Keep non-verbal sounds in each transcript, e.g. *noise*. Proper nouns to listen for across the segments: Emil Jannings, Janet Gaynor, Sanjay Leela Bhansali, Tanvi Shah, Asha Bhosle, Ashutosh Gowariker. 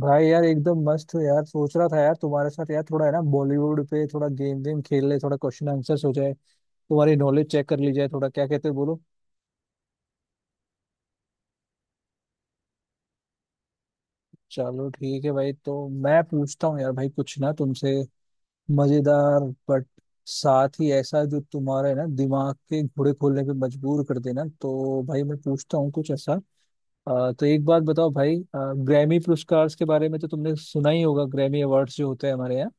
भाई यार एकदम मस्त हो यार। सोच रहा था यार तुम्हारे साथ यार थोड़ा है ना बॉलीवुड पे थोड़ा गेम वेम खेल ले, थोड़ा क्वेश्चन आंसर्स हो जाए, तुम्हारी नॉलेज चेक कर ली जाए थोड़ा। क्या कहते हो बोलो। चलो ठीक है भाई, तो मैं पूछता हूँ यार भाई कुछ ना तुमसे मजेदार, बट साथ ही ऐसा जो तुम्हारे ना दिमाग के घोड़े खोलने पे मजबूर कर देना। तो भाई मैं पूछता हूँ कुछ ऐसा। तो एक बात बताओ भाई, ग्रैमी पुरस्कार के बारे में तो तुमने सुना ही होगा, ग्रैमी अवार्ड्स जो होते हैं हमारे यहाँ।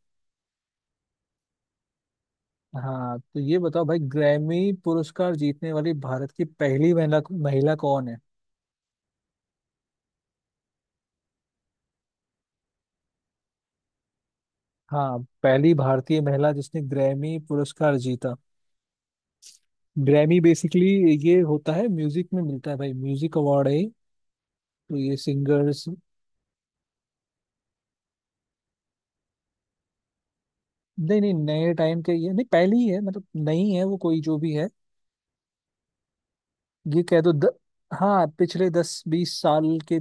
हाँ तो ये बताओ भाई, ग्रैमी पुरस्कार जीतने वाली भारत की पहली महिला महिला कौन है? हाँ, पहली भारतीय महिला जिसने ग्रैमी पुरस्कार जीता। ग्रैमी बेसिकली ये होता है, म्यूजिक में मिलता है भाई, म्यूजिक अवार्ड है ये। तो ये सिंगर्स। नहीं नहीं, नए टाइम के ये, नहीं पहली ही है, मतलब नई है वो कोई जो भी है, ये कह दो। हाँ पिछले 10 20 साल के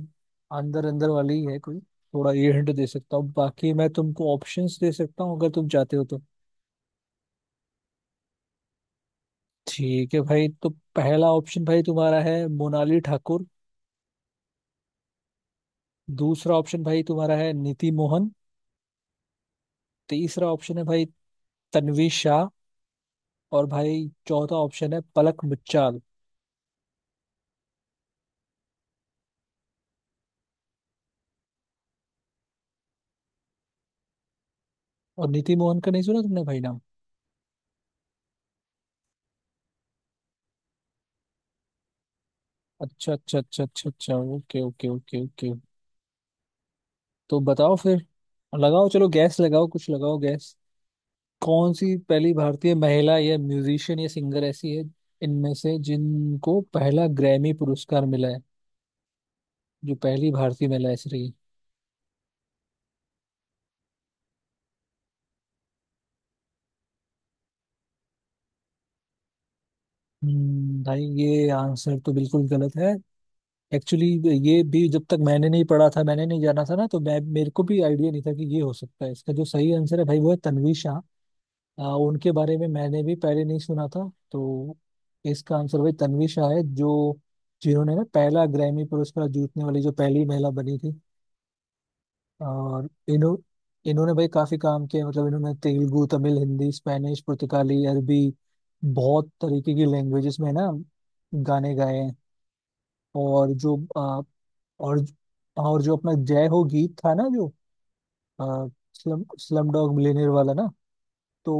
अंदर अंदर वाली ही है कोई। थोड़ा ये हिंट दे सकता हूँ, बाकी मैं तुमको ऑप्शंस दे सकता हूँ अगर तुम चाहते हो तो। ठीक है भाई, तो पहला ऑप्शन भाई तुम्हारा है मोनाली ठाकुर। दूसरा ऑप्शन भाई तुम्हारा है नीति मोहन। तीसरा ऑप्शन है भाई तन्वी शाह। और भाई चौथा ऑप्शन है पलक मुच्छाल। और नीति मोहन का नहीं सुना तुमने भाई नाम? अच्छा अच्छा अच्छा अच्छा अच्छा, ओके ओके ओके ओके। तो बताओ फिर, लगाओ, चलो गैस लगाओ, कुछ लगाओ गैस। कौन सी पहली भारतीय महिला या म्यूजिशियन या सिंगर ऐसी है इनमें से जिनको पहला ग्रैमी पुरस्कार मिला है, जो पहली भारतीय महिला ऐसी रही। भाई ये आंसर तो बिल्कुल गलत है एक्चुअली। ये भी जब तक मैंने नहीं पढ़ा था, मैंने नहीं जाना था ना, तो मैं मेरे को भी आइडिया नहीं था कि ये हो सकता है। इसका जो सही आंसर है भाई वो है तन्वी शाह। उनके बारे में मैंने भी पहले नहीं सुना था तो। इसका आंसर भाई तन्वी शाह है, जो जिन्होंने ना पहला ग्रैमी पुरस्कार जीतने वाली जो पहली महिला बनी थी। और इन्होंने भाई काफी काम किया, मतलब इन्होंने तेलुगु, तमिल, हिंदी, स्पेनिश, पुर्तगाली, अरबी, बहुत तरीके की लैंग्वेजेस में ना गाने गाए हैं। और जो और और जो अपना जय हो गीत था ना जो, आ, स्लम स्लम डॉग मिलियनेयर वाला ना, तो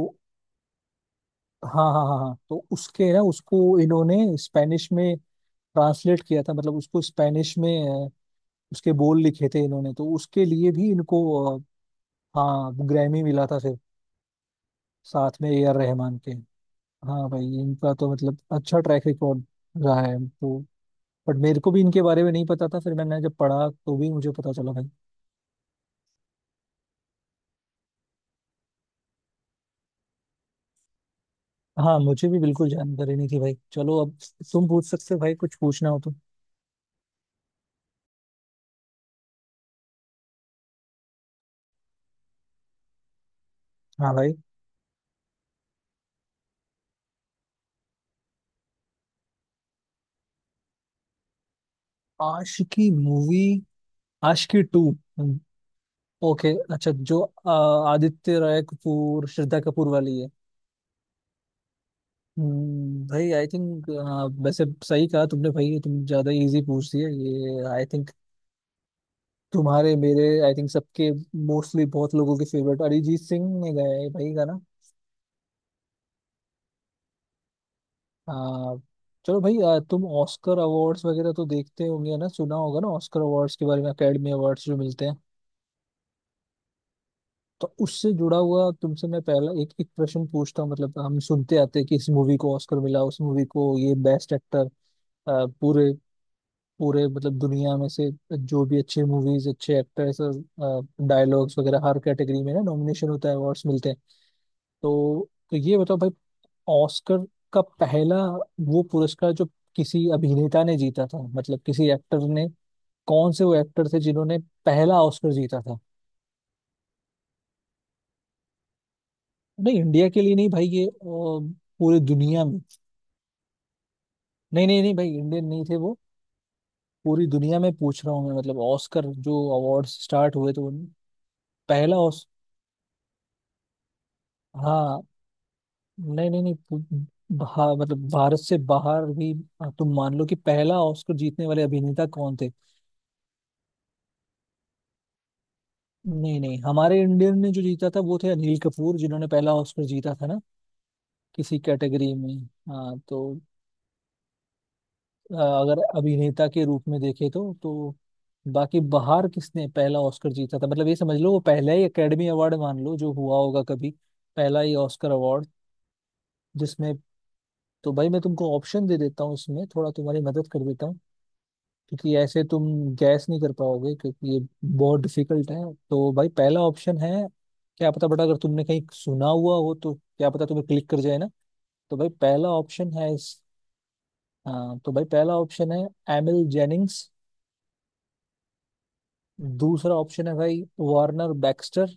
हाँ हाँ हाँ हाँ, तो उसके ना उसको इन्होंने स्पेनिश में ट्रांसलेट किया था, मतलब उसको स्पेनिश में आ, उसके बोल लिखे थे इन्होंने, तो उसके लिए भी इनको आ, हाँ ग्रैमी मिला था फिर, साथ में ए आर रहमान के। हाँ भाई, इनका तो मतलब अच्छा ट्रैक रिकॉर्ड रहा है तो। बट मेरे को भी इनके बारे में नहीं पता था, फिर मैंने जब पढ़ा तो भी मुझे पता चला भाई। हाँ मुझे भी बिल्कुल जानकारी नहीं थी भाई। चलो अब तुम पूछ सकते हो भाई कुछ पूछना हो तो। हाँ भाई। Aashiqui movie, Aashiqui two. Hmm, okay. अच्छा जो आदित्य राय कपूर श्रद्धा कपूर वाली है। भाई आई थिंक वैसे सही कहा तुमने भाई, ये तुम ज्यादा इजी पूछ दिया ये आई थिंक। तुम्हारे मेरे आई थिंक सबके मोस्टली बहुत लोगों के फेवरेट अरिजीत सिंह ने गाया है भाई गाना। आ, चलो भाई, तुम ऑस्कर अवार्ड्स वगैरह तो देखते होंगे ना, सुना होगा ना ऑस्कर अवार्ड्स के बारे में, एकेडमी अवार्ड्स जो मिलते हैं। तो उससे जुड़ा हुआ तुमसे मैं पहला एक एक प्रश्न पूछता हूँ। मतलब हम सुनते आते हैं कि इस मूवी को ऑस्कर मिला, उस मूवी को ये बेस्ट एक्टर। पूरे पूरे मतलब दुनिया में से जो भी अच्छे मूवीज, अच्छे एक्टर्स, डायलॉग्स वगैरह हर कैटेगरी में ना नॉमिनेशन होता है, अवार्ड्स मिलते हैं। तो ये बताओ भाई, ऑस्कर का पहला वो पुरस्कार जो किसी अभिनेता ने जीता था, मतलब किसी एक्टर ने, कौन से वो एक्टर थे जिन्होंने पहला ऑस्कर जीता था? नहीं, इंडिया के लिए नहीं भाई, ये पूरी दुनिया में। नहीं नहीं नहीं भाई, इंडियन नहीं थे वो, पूरी दुनिया में पूछ रहा हूँ मैं। मतलब ऑस्कर जो अवार्ड स्टार्ट हुए तो पहला ऑस हाँ। नहीं नहीं नहीं मतलब भारत से बाहर भी, तुम मान लो कि पहला ऑस्कर जीतने वाले अभिनेता कौन थे। नहीं नहीं, हमारे इंडियन ने जो जीता था वो थे अनिल कपूर, जिन्होंने पहला ऑस्कर जीता था ना किसी कैटेगरी में। हाँ तो अगर अभिनेता के रूप में देखे तो बाकी बाहर किसने पहला ऑस्कर जीता था। मतलब ये समझ लो वो पहला ही एकेडमी अवार्ड मान लो जो हुआ होगा कभी, पहला ही ऑस्कर अवार्ड जिसमें। तो भाई मैं तुमको ऑप्शन दे देता हूँ, इसमें थोड़ा तुम्हारी मदद कर देता हूँ, क्योंकि ऐसे तुम गैस नहीं कर पाओगे, क्योंकि ये बहुत डिफिकल्ट है। तो भाई पहला ऑप्शन है, क्या पता बट अगर तुमने कहीं सुना हुआ हो तो क्या पता तुम्हें क्लिक कर जाए ना। तो भाई पहला ऑप्शन है इस हाँ, तो भाई पहला ऑप्शन है एमिल जेनिंग्स। दूसरा ऑप्शन है भाई वार्नर बैक्स्टर।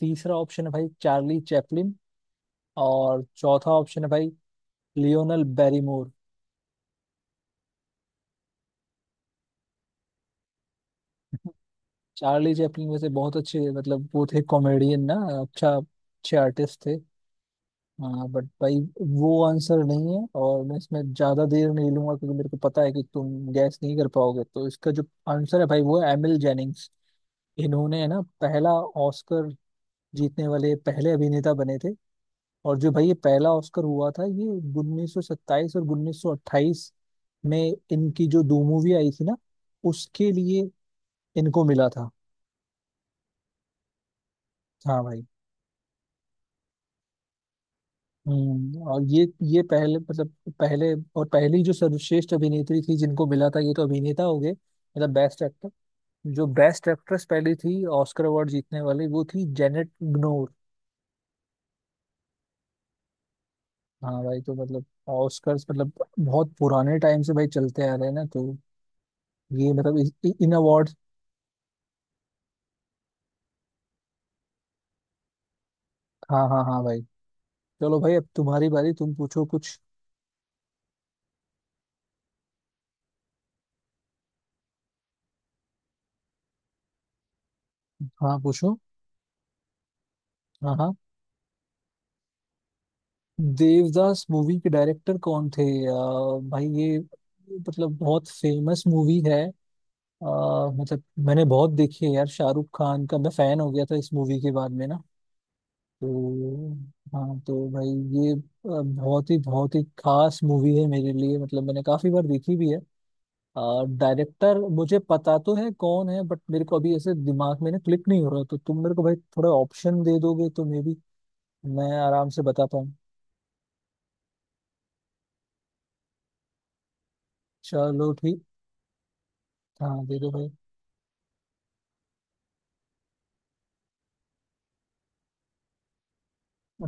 तीसरा ऑप्शन है भाई चार्ली चैपलिन। और चौथा ऑप्शन है भाई लियोनल बैरीमोर। *laughs* चार्ली चैपलिन वैसे बहुत अच्छे, मतलब वो थे कॉमेडियन ना, अच्छा अच्छे आर्टिस्ट थे। हाँ बट भाई वो आंसर नहीं है, और मैं इसमें ज्यादा देर नहीं लूंगा क्योंकि मेरे को पता है कि तुम गैस नहीं कर पाओगे। तो इसका जो आंसर है भाई वो है एमिल जेनिंग्स। इन्होंने है ना पहला ऑस्कर जीतने वाले पहले अभिनेता बने थे। और जो भाई ये पहला ऑस्कर हुआ था ये 1927 और 1928 में इनकी जो दो मूवी आई थी ना उसके लिए इनको मिला था। हाँ भाई। और ये पहले मतलब पहले, और पहली जो सर्वश्रेष्ठ अभिनेत्री थी जिनको मिला था, ये तो अभिनेता हो गए मतलब बेस्ट एक्टर। जो बेस्ट एक्ट्रेस पहली थी ऑस्कर अवार्ड जीतने वाली वो थी जेनेट ग्नोर। हाँ भाई। तो मतलब ऑस्कर मतलब बहुत पुराने टाइम से भाई चलते आ रहे हैं ना, तो ये मतलब इन अवार्ड। हाँ हाँ हाँ भाई। चलो भाई अब तुम्हारी बारी, तुम पूछो कुछ। हाँ पूछो। हाँ हाँ। देवदास मूवी के डायरेक्टर कौन थे? भाई ये मतलब बहुत फेमस मूवी है। अ, मतलब मैंने बहुत देखी है यार, शाहरुख खान का मैं फैन हो गया था इस मूवी के बाद में ना, तो हाँ। तो भाई ये बहुत ही खास मूवी है मेरे लिए, मतलब मैंने काफी बार देखी भी है। डायरेक्टर मुझे पता तो है कौन है, बट मेरे को अभी ऐसे दिमाग में ना क्लिक नहीं हो रहा, तो तुम मेरे को भाई थोड़ा ऑप्शन दे दोगे तो मे बी मैं आराम से बता पाऊँ। चलो ठीक, हाँ दे दो भाई।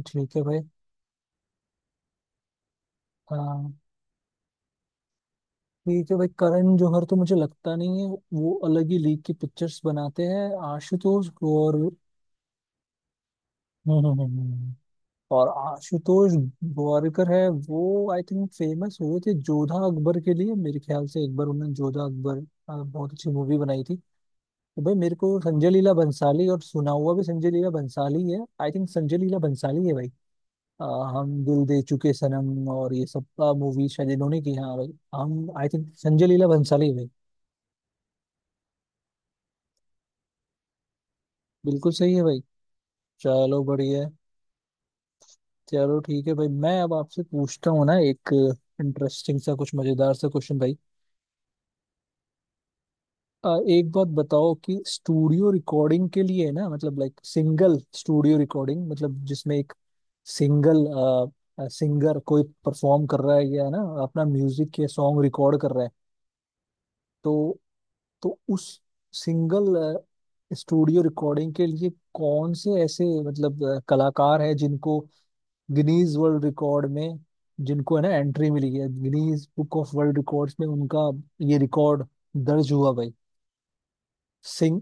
ठीक है भाई। हाँ। ठीक है भाई, करण जौहर तो मुझे लगता नहीं है, वो अलग ही लीग की पिक्चर्स बनाते हैं। आशुतोष हम्म हम्म, हम्म, हम्म। और आशुतोष गोवारिकर है, वो आई थिंक फेमस हुए थे जोधा अकबर के लिए, मेरे ख्याल से एक बार उन्होंने जोधा अकबर बहुत अच्छी मूवी बनाई थी। तो भाई मेरे को संजय लीला बंसाली, और सुना हुआ भी संजय लीला बंसाली है, आई थिंक संजय लीला बंसाली है भाई। अ, हम दिल दे चुके सनम और ये सब मूवी शायद इन्होंने की। हाँ भाई हम आई थिंक संजय लीला बंसाली है भाई। बिल्कुल सही है भाई, चलो बढ़िया है। चलो ठीक है भाई, मैं अब आपसे पूछता हूँ ना एक इंटरेस्टिंग सा कुछ मजेदार सा क्वेश्चन भाई। एक बात बताओ कि स्टूडियो रिकॉर्डिंग के लिए ना, मतलब लाइक सिंगल स्टूडियो रिकॉर्डिंग, मतलब जिसमें एक सिंगल सिंगर कोई परफॉर्म कर रहा है या ना अपना म्यूजिक या सॉन्ग रिकॉर्ड कर रहा है तो तो उस सिंगल स्टूडियो रिकॉर्डिंग के लिए कौन से ऐसे मतलब कलाकार हैं जिनको गिनीज वर्ल्ड रिकॉर्ड में, जिनको है ना एंट्री मिली है Guinness book of world records में, उनका ये रिकॉर्ड दर्ज हुआ भाई। सिंग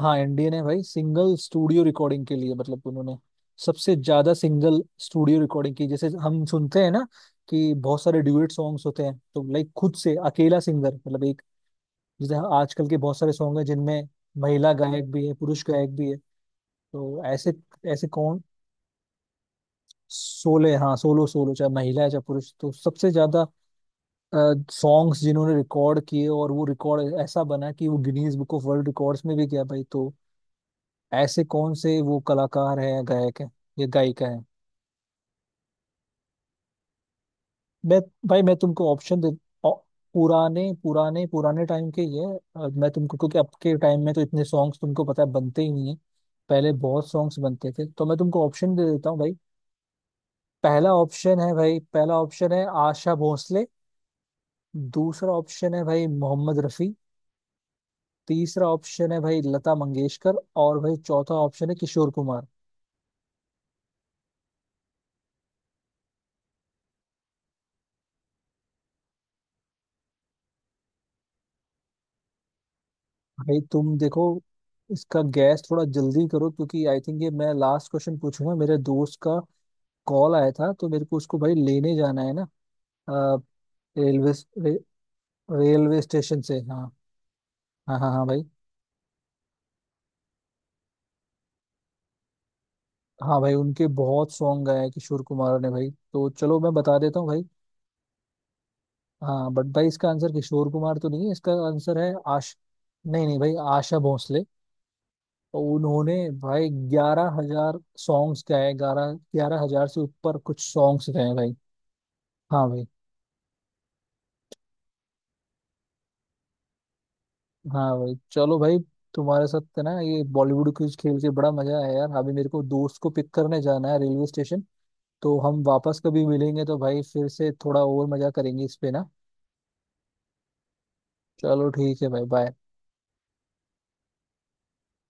हाँ इंडियन है भाई, सिंगल स्टूडियो रिकॉर्डिंग के लिए, मतलब उन्होंने सबसे ज्यादा सिंगल स्टूडियो रिकॉर्डिंग की। जैसे हम सुनते हैं ना कि बहुत सारे ड्यूएट सॉन्ग्स होते हैं, तो लाइक खुद से अकेला सिंगर मतलब एक, जैसे आजकल के बहुत सारे सॉन्ग हैं जिनमें महिला गायक भी है पुरुष गायक भी है, तो ऐसे, ऐसे कौन। सोले हाँ सोलो, सोलो चाहे महिला है चाहे पुरुष, तो सबसे ज्यादा सॉन्ग्स जिन्होंने रिकॉर्ड किए और वो रिकॉर्ड ऐसा बना कि वो Guinness book of world records में भी गया भाई। तो ऐसे कौन से वो कलाकार हैं या गायक हैं या गायिका हैं? मैं भाई मैं तुमको ऑप्शन दे, औ- पुराने पुराने पुराने टाइम के ही है। मैं तुमको, क्योंकि अब के टाइम में तो इतने सॉन्ग्स तुमको पता है बनते ही नहीं है, पहले बहुत सॉन्ग्स बनते थे, तो मैं तुमको ऑप्शन दे देता हूँ भाई। पहला ऑप्शन है आशा भोसले। दूसरा ऑप्शन है भाई मोहम्मद रफी। तीसरा ऑप्शन है भाई लता मंगेशकर। और भाई चौथा ऑप्शन है किशोर कुमार। भाई तुम देखो, इसका गैस थोड़ा जल्दी करो क्योंकि आई थिंक ये मैं लास्ट क्वेश्चन पूछूंगा, मेरे दोस्त का कॉल आया था तो मेरे को उसको भाई लेने जाना है ना। अ, रेलवे रे, रेलवे स्टेशन से। हाँ हाँ हाँ हाँ भाई। हाँ भाई, उनके बहुत सॉन्ग गाए हैं किशोर कुमार ने भाई, तो चलो मैं बता देता हूँ भाई। हाँ बट भाई इसका आंसर किशोर कुमार तो नहीं है, इसका आंसर है आश नहीं नहीं भाई, आशा भोसले। तो उन्होंने भाई 11,000 सॉन्ग्स गाए, ग्यारह ग्यारह हजार से ऊपर कुछ सॉन्ग्स गाए भाई। हाँ भाई। हाँ भाई चलो भाई, तुम्हारे साथ ना ये बॉलीवुड क्विज खेल के बड़ा मजा आया यार, अभी मेरे को दोस्त को पिक करने जाना है रेलवे स्टेशन। तो हम वापस कभी मिलेंगे तो भाई फिर से थोड़ा और मजा करेंगे इस पे ना। चलो ठीक है भाई, बाय।